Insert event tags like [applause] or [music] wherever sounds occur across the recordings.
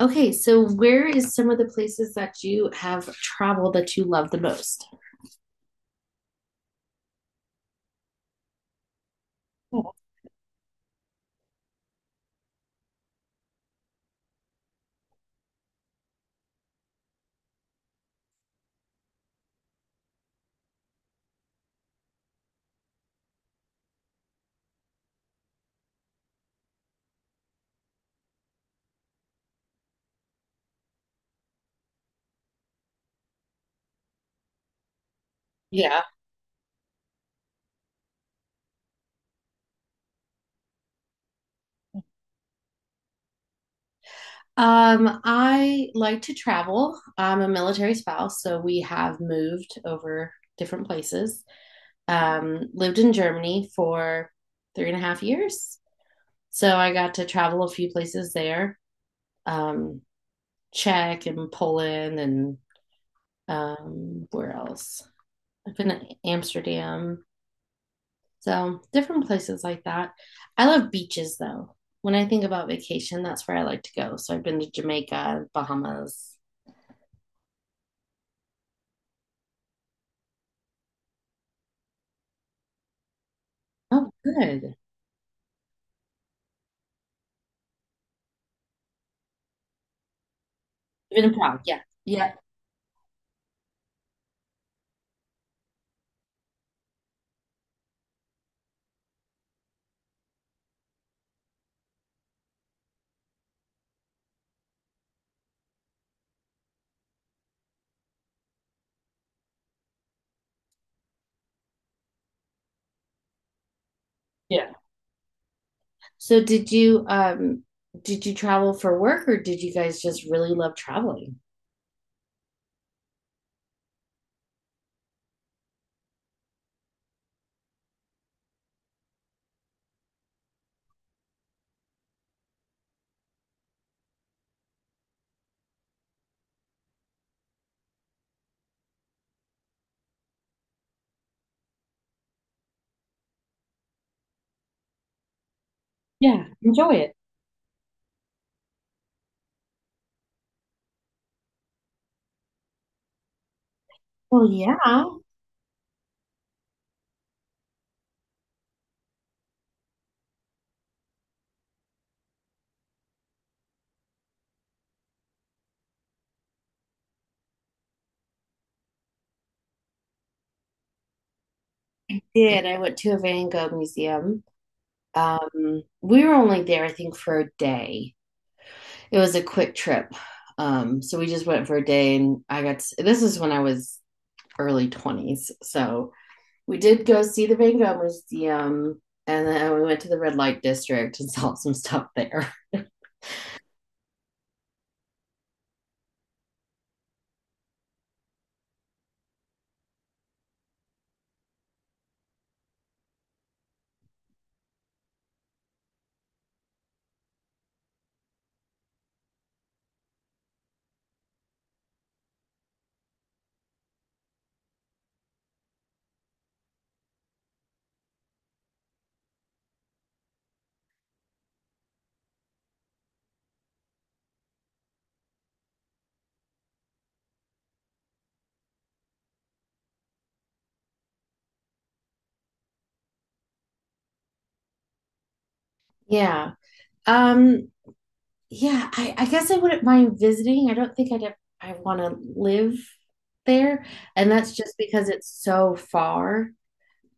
Okay, so where is some of the places that you have traveled that you love the most? Oh, yeah. I like to travel. I'm a military spouse, so we have moved over different places. Lived in Germany for 3.5 years, so I got to travel a few places there. Um, Czech and Poland and where else? I've been to Amsterdam. So different places like that. I love beaches though. When I think about vacation, that's where I like to go. So I've been to Jamaica, Bahamas. Oh, good. You've been to Prague, yeah. Yeah. Yeah. So did you did you travel for work or did you guys just really love traveling? Yeah. Enjoy it. Well, yeah, I did. I went to a Van Gogh museum. We were only there, I think, for a day. It was a quick trip. So we just went for a day and I got to, this is when I was early 20s. So we did go see the Van Gogh Museum and then we went to the red light district and [laughs] saw some stuff there. [laughs] yeah. Um yeah, I guess I wouldn't mind visiting. I don't think I'd have, I want to live there. And that's just because it's so far.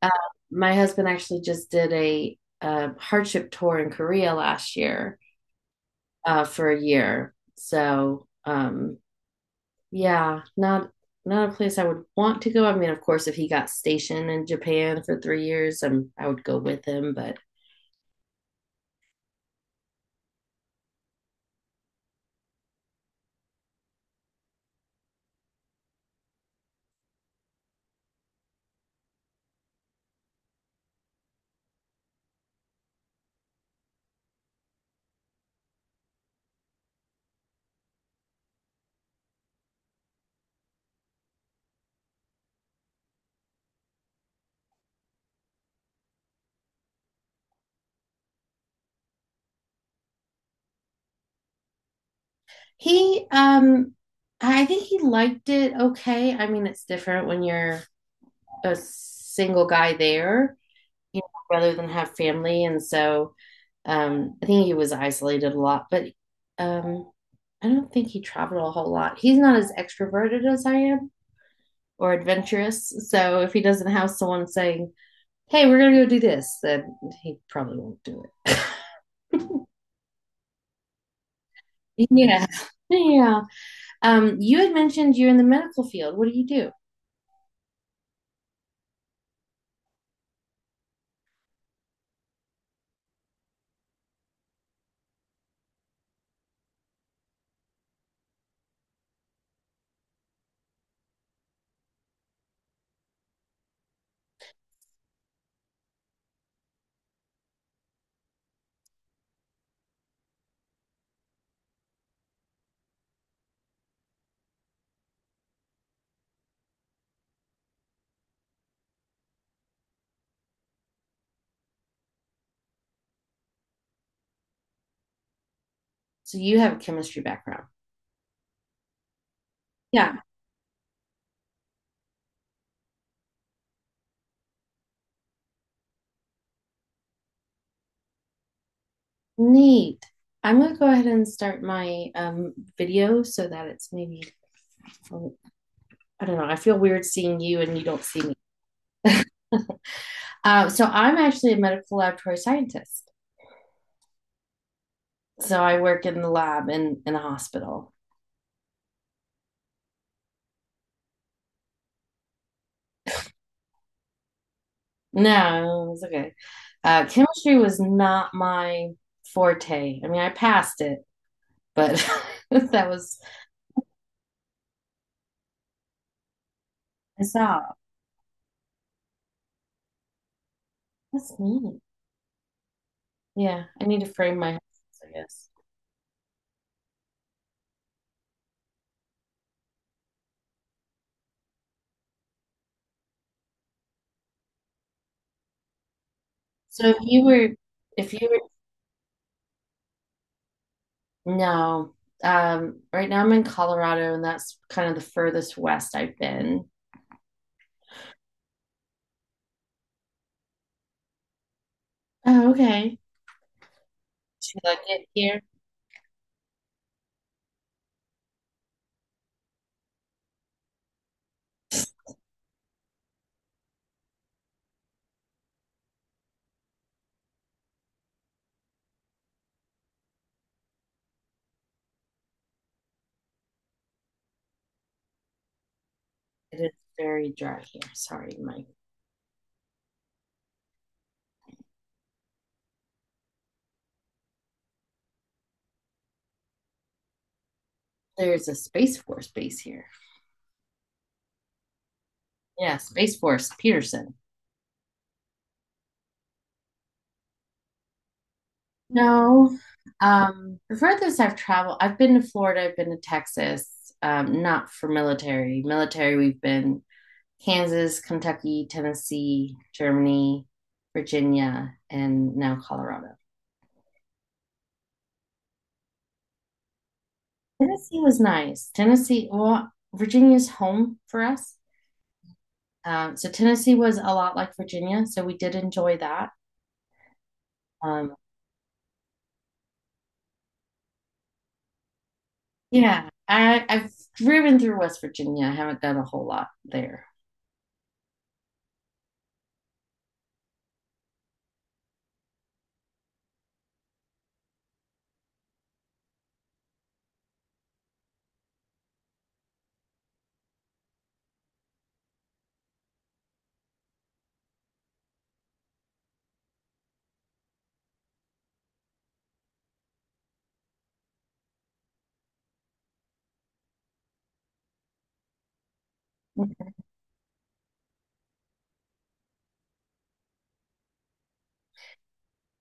Uh, my husband actually just did a hardship tour in Korea last year for a year. So yeah, not a place I would want to go. I mean, of course, if he got stationed in Japan for 3 years, I would go with him. But he, um, I think he liked it okay. I mean, it's different when you're a single guy there, rather than have family. And so, I think he was isolated a lot. But um, I don't think he traveled a whole lot. He's not as extroverted as I am or adventurous. So if he doesn't have someone saying, hey, we're gonna go do this, that he probably won't do it. [laughs] yeah. Yeah. You had mentioned you're in the medical field. What do you do? So you have a chemistry background. Yeah. Neat. I'm gonna go ahead and start my video so that it's maybe I don't know. I feel weird seeing you and you don't see me. So I'm actually a medical laboratory scientist. So I work in the lab in a hospital. No, it was okay. Chemistry was not my forte. I mean, I passed it, but [laughs] that was, I saw. That's me. Yeah, I need to frame my house, I guess. So if you were, no, right now I'm in Colorado and that's kind of the furthest west I've been. Oh, okay. Should I get here? It is very dry here. Sorry, Mike. There's a Space Force base here. Yeah, Space Force Peterson. No. Before this, I've traveled. I've been to Florida. I've been to Texas. Not for military. Military, we've been Kansas, Kentucky, Tennessee, Germany, Virginia, and now Colorado. Tennessee was nice. Tennessee, well, Virginia's home for us. So Tennessee was a lot like Virginia, so we did enjoy that. Um, yeah, I've driven through West Virginia. I haven't done a whole lot there.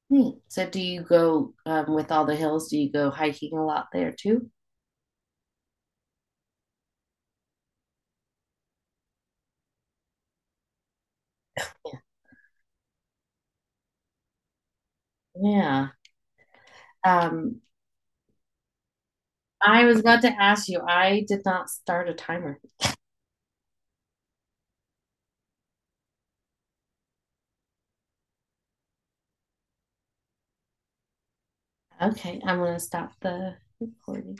Neat. So do you go with all the hills? Do you go hiking a lot there too? Yeah. Um, I was about to ask you. I did not start a timer. Okay, I'm gonna stop the recording.